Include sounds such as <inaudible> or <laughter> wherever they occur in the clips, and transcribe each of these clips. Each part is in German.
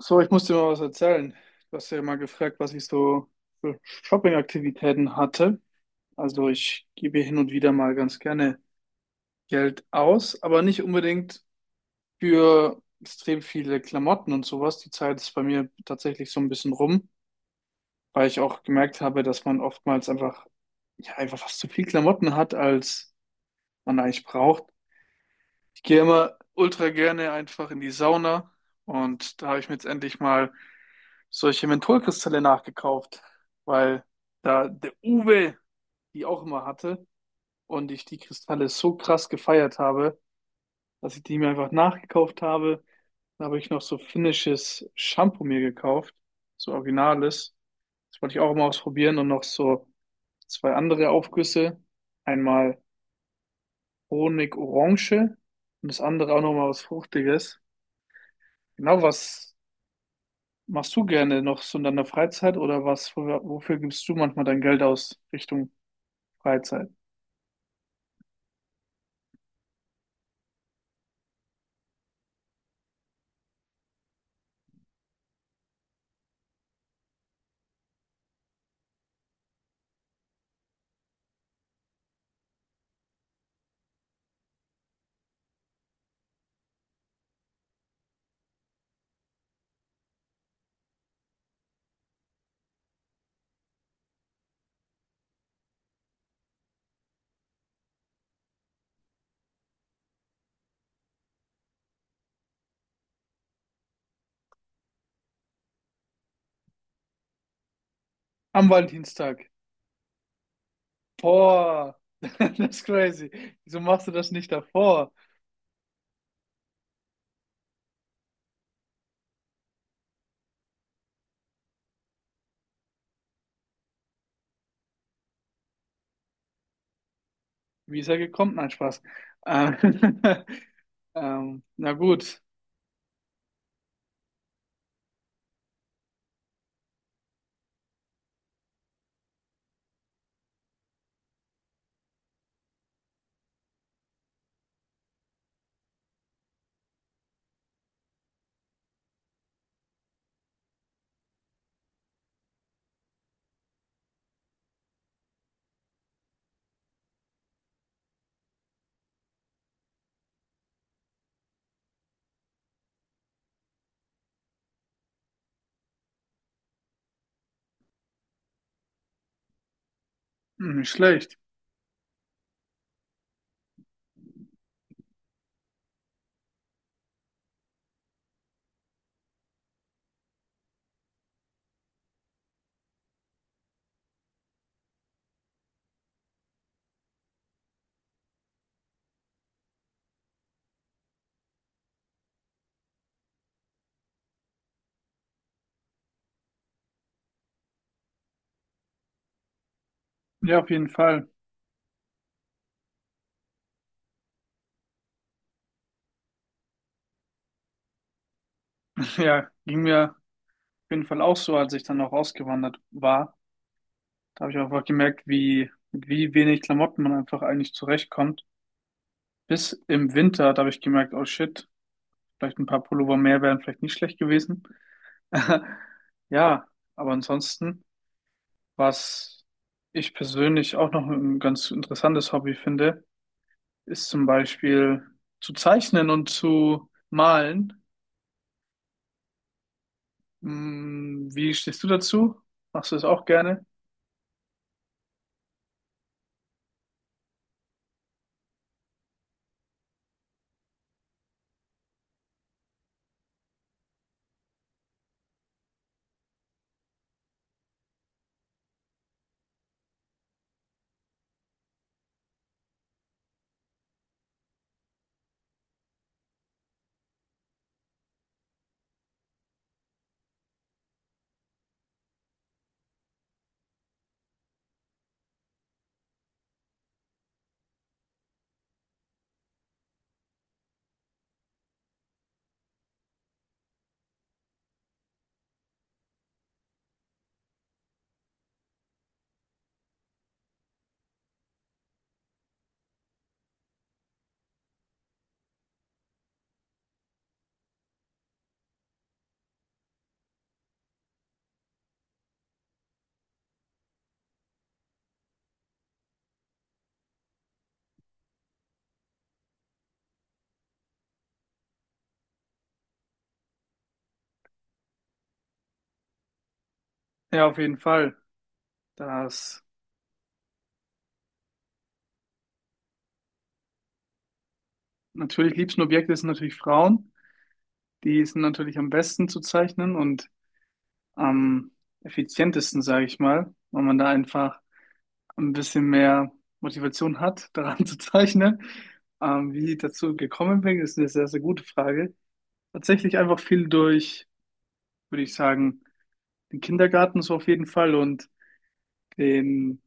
So, ich muss dir mal was erzählen. Du hast ja mal gefragt, was ich so für Shopping-Aktivitäten hatte. Also ich gebe hin und wieder mal ganz gerne Geld aus, aber nicht unbedingt für extrem viele Klamotten und sowas. Die Zeit ist bei mir tatsächlich so ein bisschen rum, weil ich auch gemerkt habe, dass man oftmals einfach, ja, einfach fast zu viel Klamotten hat, als man eigentlich braucht. Ich gehe immer ultra gerne einfach in die Sauna und da habe ich mir jetzt endlich mal solche Mentholkristalle nachgekauft, weil da der Uwe die auch immer hatte und ich die Kristalle so krass gefeiert habe, dass ich die mir einfach nachgekauft habe. Dann habe ich noch so finnisches Shampoo mir gekauft, so originales. Das wollte ich auch mal ausprobieren und noch so zwei andere Aufgüsse. Einmal Honig-Orange und das andere auch noch mal was Fruchtiges. Genau, was machst du gerne noch so in deiner Freizeit oder was? Wofür gibst du manchmal dein Geld aus Richtung Freizeit? Am Valentinstag. Boah, <laughs> das ist crazy. Wieso machst du das nicht davor? Wie ist er gekommen? Nein, Spaß. Ähm, <laughs> na gut. Hm, nicht schlecht. Ja, auf jeden Fall. Ja, ging mir auf jeden Fall auch so, als ich dann auch ausgewandert war. Da habe ich einfach gemerkt, wie, mit wie wenig Klamotten man einfach eigentlich zurechtkommt. Bis im Winter, da habe ich gemerkt, oh shit. Vielleicht ein paar Pullover mehr wären vielleicht nicht schlecht gewesen. <laughs> Ja, aber ansonsten, was ich persönlich auch noch ein ganz interessantes Hobby finde, ist zum Beispiel zu zeichnen und zu malen. Hm, wie stehst du dazu? Machst du das auch gerne? Ja, auf jeden Fall. Das natürlich liebsten Objekte sind natürlich Frauen. Die sind natürlich am besten zu zeichnen und am effizientesten, sage ich mal, weil man da einfach und ein bisschen mehr Motivation hat, <laughs> daran zu zeichnen. Wie ich dazu gekommen bin, ist eine sehr, sehr gute Frage. Tatsächlich einfach viel durch, würde ich sagen, den Kindergarten so auf jeden Fall und den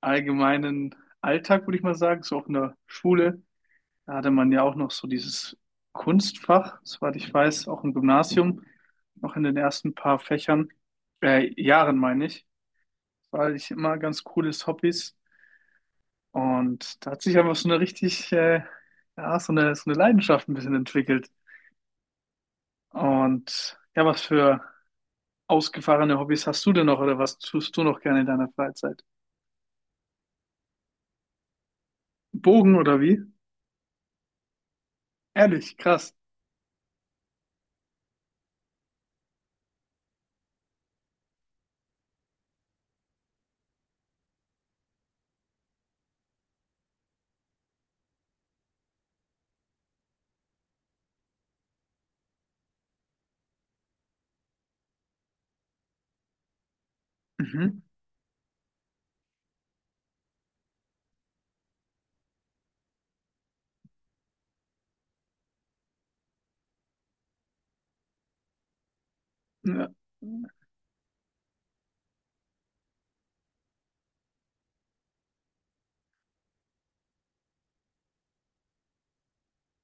allgemeinen Alltag, würde ich mal sagen, so auch in der Schule. Da hatte man ja auch noch so dieses Kunstfach, soweit ich weiß, auch im Gymnasium, noch in den ersten paar Fächern, Jahren meine ich, weil ich immer ganz cooles Hobbys. Und da hat sich einfach so eine richtig, ja, so eine Leidenschaft ein bisschen entwickelt. Und ja, was für ausgefahrene Hobbys hast du denn noch oder was tust du noch gerne in deiner Freizeit? Bogen oder wie? Ehrlich, krass. Mhm. Ja.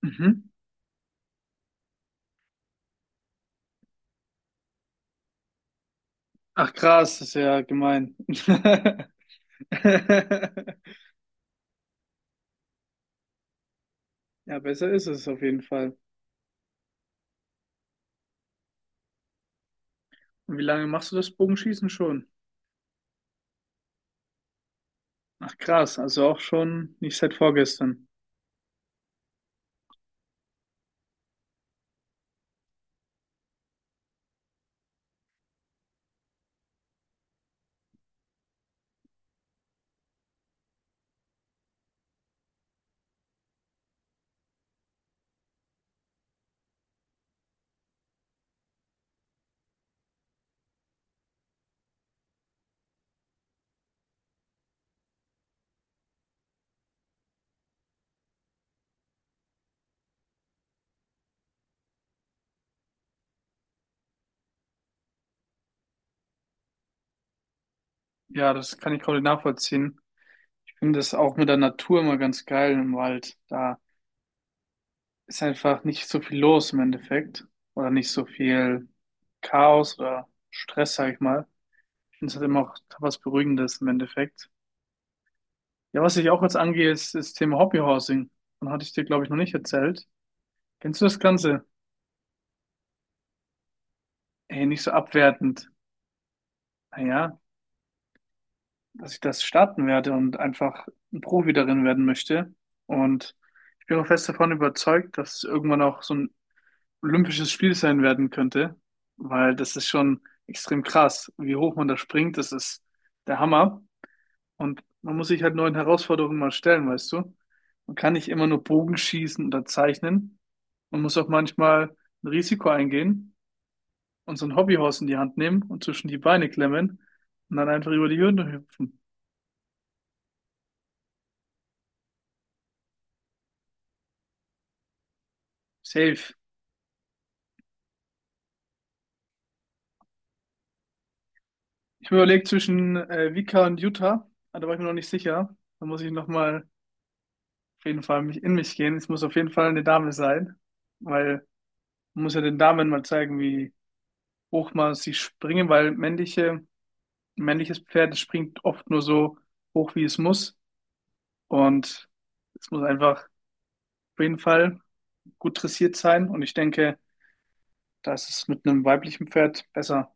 Mhm. Ach krass, das ist ja gemein. <laughs> Ja, besser ist es auf jeden Fall. Und wie lange machst du das Bogenschießen schon? Ach krass, also auch schon nicht seit vorgestern. Ja, das kann ich komplett nachvollziehen. Finde das auch mit der Natur immer ganz geil im Wald. Da ist einfach nicht so viel los im Endeffekt oder nicht so viel Chaos oder Stress, sag ich mal. Ich finde es halt immer auch was Beruhigendes im Endeffekt. Ja, was ich auch jetzt angehe, ist das Thema Hobbyhousing. Dann hatte ich dir, glaube ich, noch nicht erzählt. Kennst du das Ganze? Ey, nicht so abwertend. Naja, dass ich das starten werde und einfach ein Profi darin werden möchte. Und ich bin auch fest davon überzeugt, dass es irgendwann auch so ein olympisches Spiel sein werden könnte, weil das ist schon extrem krass, wie hoch man da springt, das ist der Hammer. Und man muss sich halt neuen Herausforderungen mal stellen, weißt du? Man kann nicht immer nur Bogen schießen oder zeichnen. Man muss auch manchmal ein Risiko eingehen und so ein Hobbyhorse in die Hand nehmen und zwischen die Beine klemmen und dann einfach über die Hürden hüpfen. Safe. Ich habe überlegt zwischen Vika und Utah, aber da war ich mir noch nicht sicher. Da muss ich nochmal auf jeden Fall mich in mich gehen. Es muss auf jeden Fall eine Dame sein, weil man muss ja den Damen mal zeigen, wie hoch man sie springen, weil männliche, ein männliches Pferd, das springt oft nur so hoch, wie es muss. Und es muss einfach auf jeden Fall gut dressiert sein. Und ich denke, da ist es mit einem weiblichen Pferd besser.